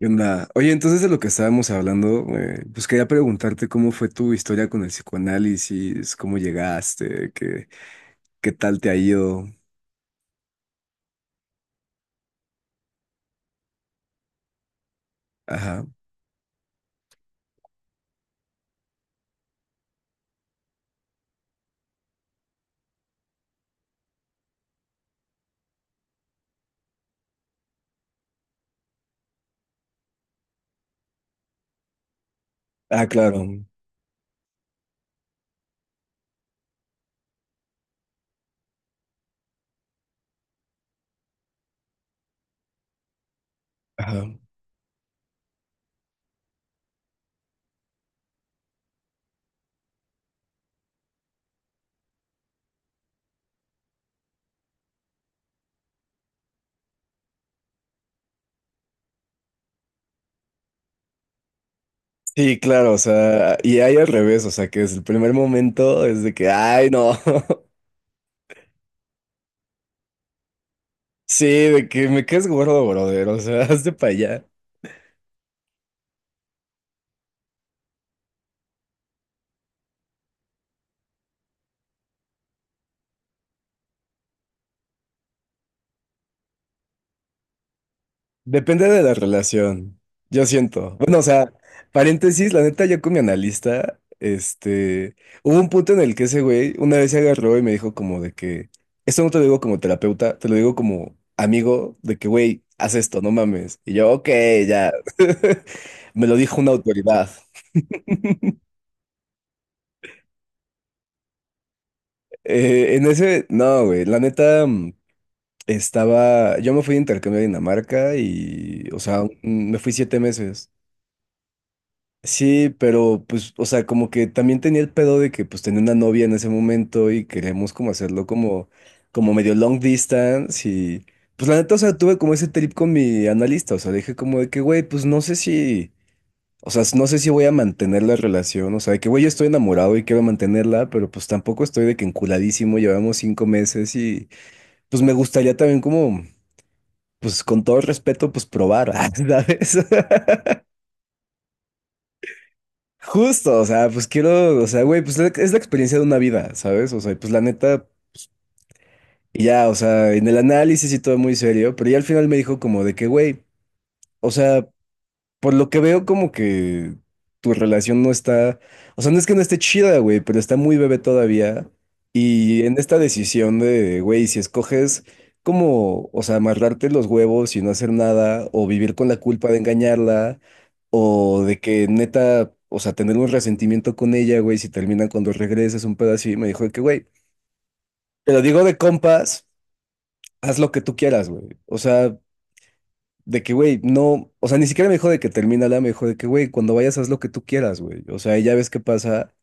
¿Qué onda? Oye, entonces de lo que estábamos hablando, pues quería preguntarte cómo fue tu historia con el psicoanálisis, cómo llegaste, qué tal te ha ido. Ajá. Ah, claro. Ajá. Sí, claro, o sea, y hay al revés, o sea, que desde el primer momento es de que, ay, no. Sí, de que me quedes gordo, brother, o sea, hazte para allá. Depende de la relación, yo siento. Bueno, o sea, paréntesis, la neta, yo con mi analista, hubo un punto en el que ese güey una vez se agarró y me dijo como de que, esto no te lo digo como terapeuta, te lo digo como amigo, de que, güey, haz esto, no mames. Y yo, ok, ya. Me lo dijo una autoridad. En ese, no, güey, la neta estaba, yo me fui de intercambio a Dinamarca y, o sea, me fui 7 meses. Sí, pero pues, o sea, como que también tenía el pedo de que pues tenía una novia en ese momento y queríamos como hacerlo como medio long distance y pues la neta, o sea, tuve como ese trip con mi analista, o sea, dije como de que, güey, pues no sé si, o sea, no sé si voy a mantener la relación, o sea, de que, güey, yo estoy enamorado y quiero mantenerla, pero pues tampoco estoy de que enculadísimo, llevamos 5 meses y pues me gustaría también como, pues con todo respeto, pues probar, ¿sabes? Justo, o sea, pues quiero, o sea, güey, pues es la experiencia de una vida, ¿sabes? O sea, y pues la neta, y ya, o sea, en el análisis y todo muy serio, pero ya al final me dijo como de que, güey, o sea, por lo que veo, como que tu relación no está, o sea, no es que no esté chida, güey, pero está muy bebé todavía. Y en esta decisión de, güey, si escoges como, o sea, amarrarte los huevos y no hacer nada, o vivir con la culpa de engañarla, o de que neta, o sea, tener un resentimiento con ella, güey, si terminan cuando regreses un pedo así, me dijo de que, güey, te lo digo de compas, haz lo que tú quieras, güey. O sea, de que, güey, no, o sea, ni siquiera me dijo de que termínala, me dijo de que, güey, cuando vayas haz lo que tú quieras, güey. O sea, y ya ves qué pasa.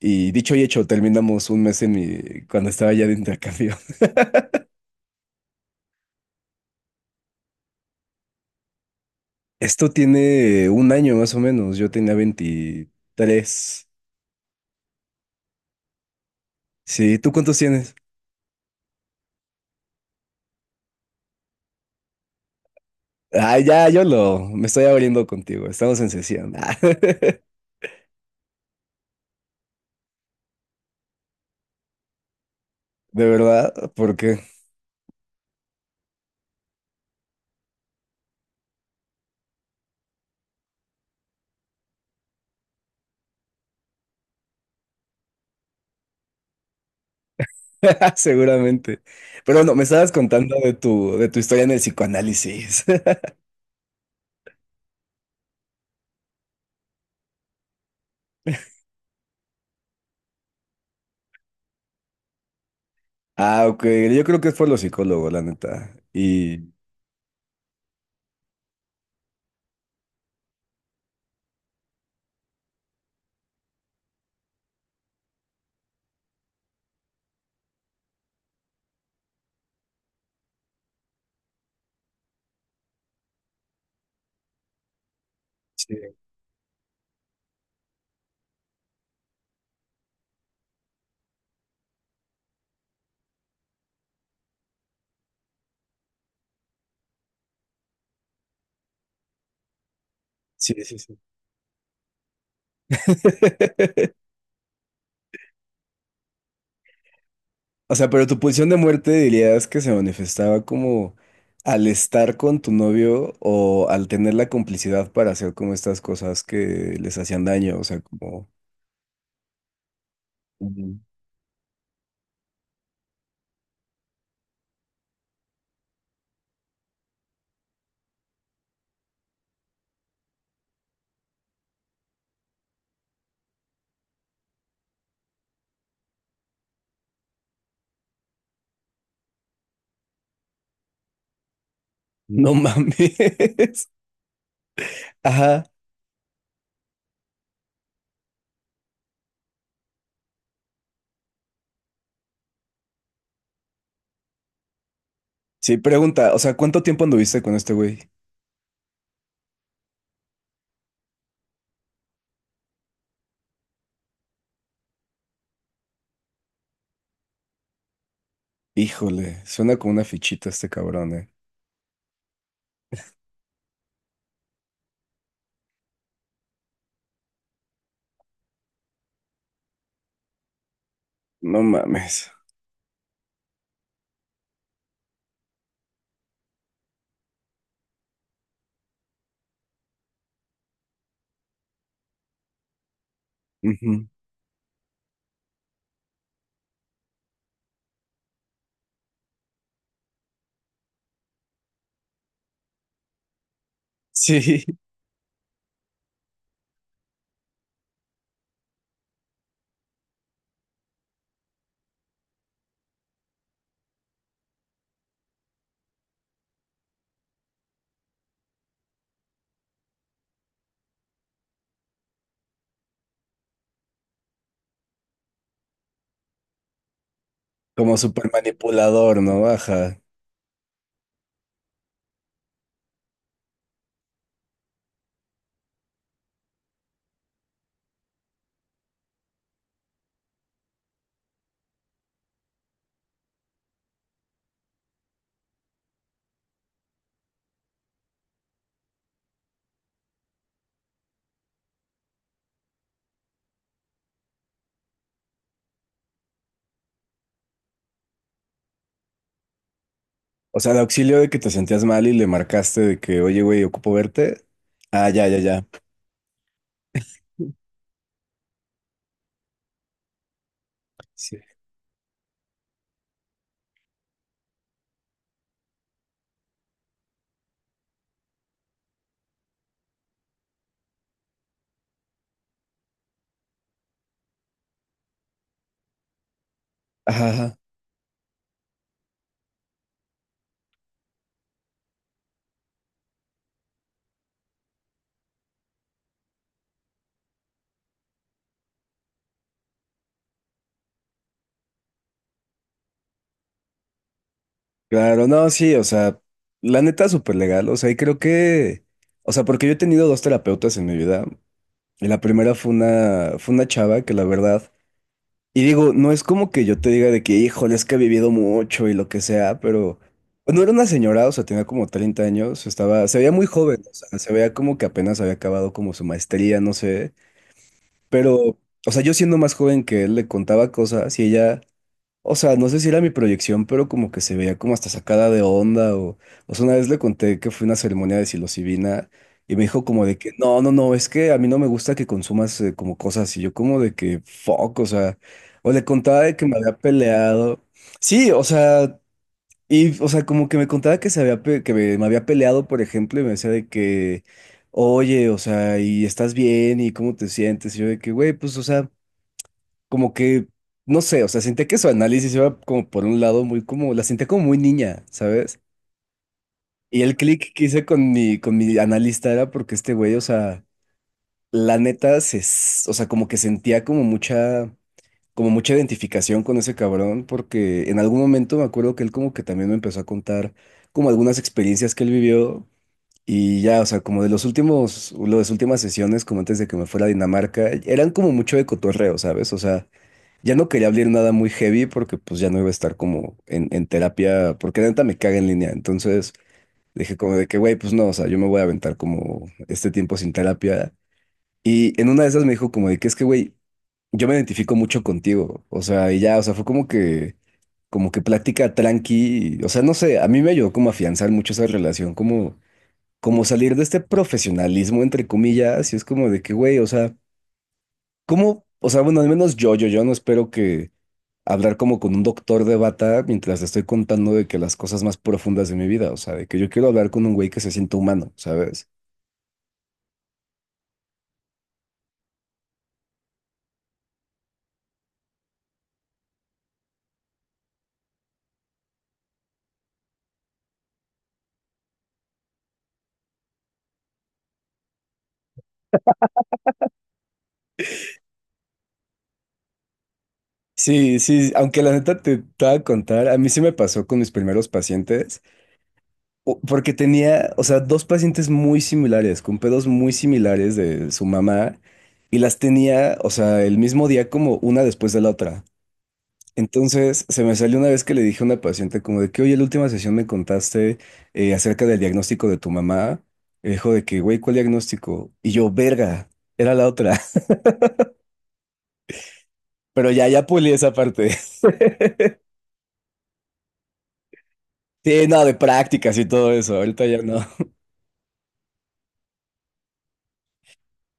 Y dicho y hecho, terminamos un mes en mi, cuando estaba ya de intercambio. Esto tiene un año más o menos, yo tenía 23. Sí, ¿tú cuántos tienes? Ah, ya, me estoy abriendo contigo, estamos en sesión. Ah, de verdad, porque seguramente. Pero no, me estabas contando de tu historia en el psicoanálisis. Ah, ok. Yo creo que es por los psicólogos, la neta. Y... Sí, sí, sí, sí. O sea, pero tu pulsión de muerte dirías que se manifestaba como al estar con tu novio o al tener la complicidad para hacer como estas cosas que les hacían daño, o sea, como... Ujú. No mames. Ajá. Sí, pregunta, o sea, ¿cuánto tiempo anduviste con este güey? Híjole, suena como una fichita este cabrón, eh. No mames. Ujú. Sí. Como súper manipulador, ¿no? Ajá. O sea, de auxilio de que te sentías mal y le marcaste de que, oye, güey, ocupo verte. Ah, ya, ya, ya. Sí. Ajá, ajá. Claro, no, sí, o sea, la neta súper legal. O sea, y creo que, o sea, porque yo he tenido dos terapeutas en mi vida. Y la primera fue una chava que la verdad. Y digo, no es como que yo te diga de que, híjole, es que he vivido mucho y lo que sea, pero pues, no era una señora, o sea, tenía como 30 años, estaba, se veía muy joven, o sea, se veía como que apenas había acabado como su maestría, no sé, pero, o sea, yo siendo más joven que él le contaba cosas y ella, o sea, no sé si era mi proyección, pero como que se veía como hasta sacada de onda o sea, una vez le conté que fue una ceremonia de psilocibina y me dijo como de que no, no, no, es que a mí no me gusta que consumas como cosas, y yo como de que fuck, o sea, o le contaba de que me había peleado. Sí, o sea, y o sea, como que me contaba que se había que me había peleado, por ejemplo, y me decía de que, oye, o sea, ¿y estás bien? ¿Y cómo te sientes? Y yo de que, güey, pues, o sea, como que, no sé, o sea, sentía que su análisis iba como por un lado muy como, la sentía como muy niña, ¿sabes? Y el clic que hice con mi analista era porque este güey, o sea, la neta, o sea, como que sentía como mucha identificación con ese cabrón, porque en algún momento me acuerdo que él como que también me empezó a contar como algunas experiencias que él vivió y ya, o sea, como de los últimos, las últimas sesiones, como antes de que me fuera a Dinamarca, eran como mucho de cotorreo, ¿sabes? O sea, ya no quería abrir nada muy heavy porque pues ya no iba a estar como en terapia, porque la neta me caga en línea. Entonces dije como de que, güey, pues no, o sea, yo me voy a aventar como este tiempo sin terapia. Y en una de esas me dijo como de que es que, güey, yo me identifico mucho contigo. O sea, y ya, o sea, fue como que plática tranqui. O sea, no sé, a mí me ayudó como a afianzar mucho esa relación, como como salir de este profesionalismo, entre comillas, y es como de que, güey, o sea, ¿cómo? O sea, bueno, al menos yo, yo no espero que hablar como con un doctor de bata mientras te estoy contando de que las cosas más profundas de mi vida, o sea, de que yo quiero hablar con un güey que se sienta humano, ¿sabes? Sí, sí, aunque la neta te, te voy a contar, a mí sí me pasó con mis primeros pacientes, o- porque tenía, o sea, dos pacientes muy similares, con pedos muy similares de su mamá, y las tenía, o sea, el mismo día como una después de la otra. Entonces, se me salió una vez que le dije a una paciente como de que, oye, la última sesión me contaste acerca del diagnóstico de tu mamá. Y dijo de que, güey, ¿cuál diagnóstico? Y yo, verga, era la otra. Pero ya, ya pulí esa parte. Sí, no, de prácticas y todo eso. Ahorita ya no.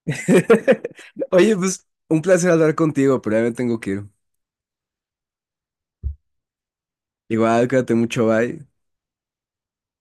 Oye, pues un placer hablar contigo, pero ya me tengo que ir. Igual, cuídate mucho, bye.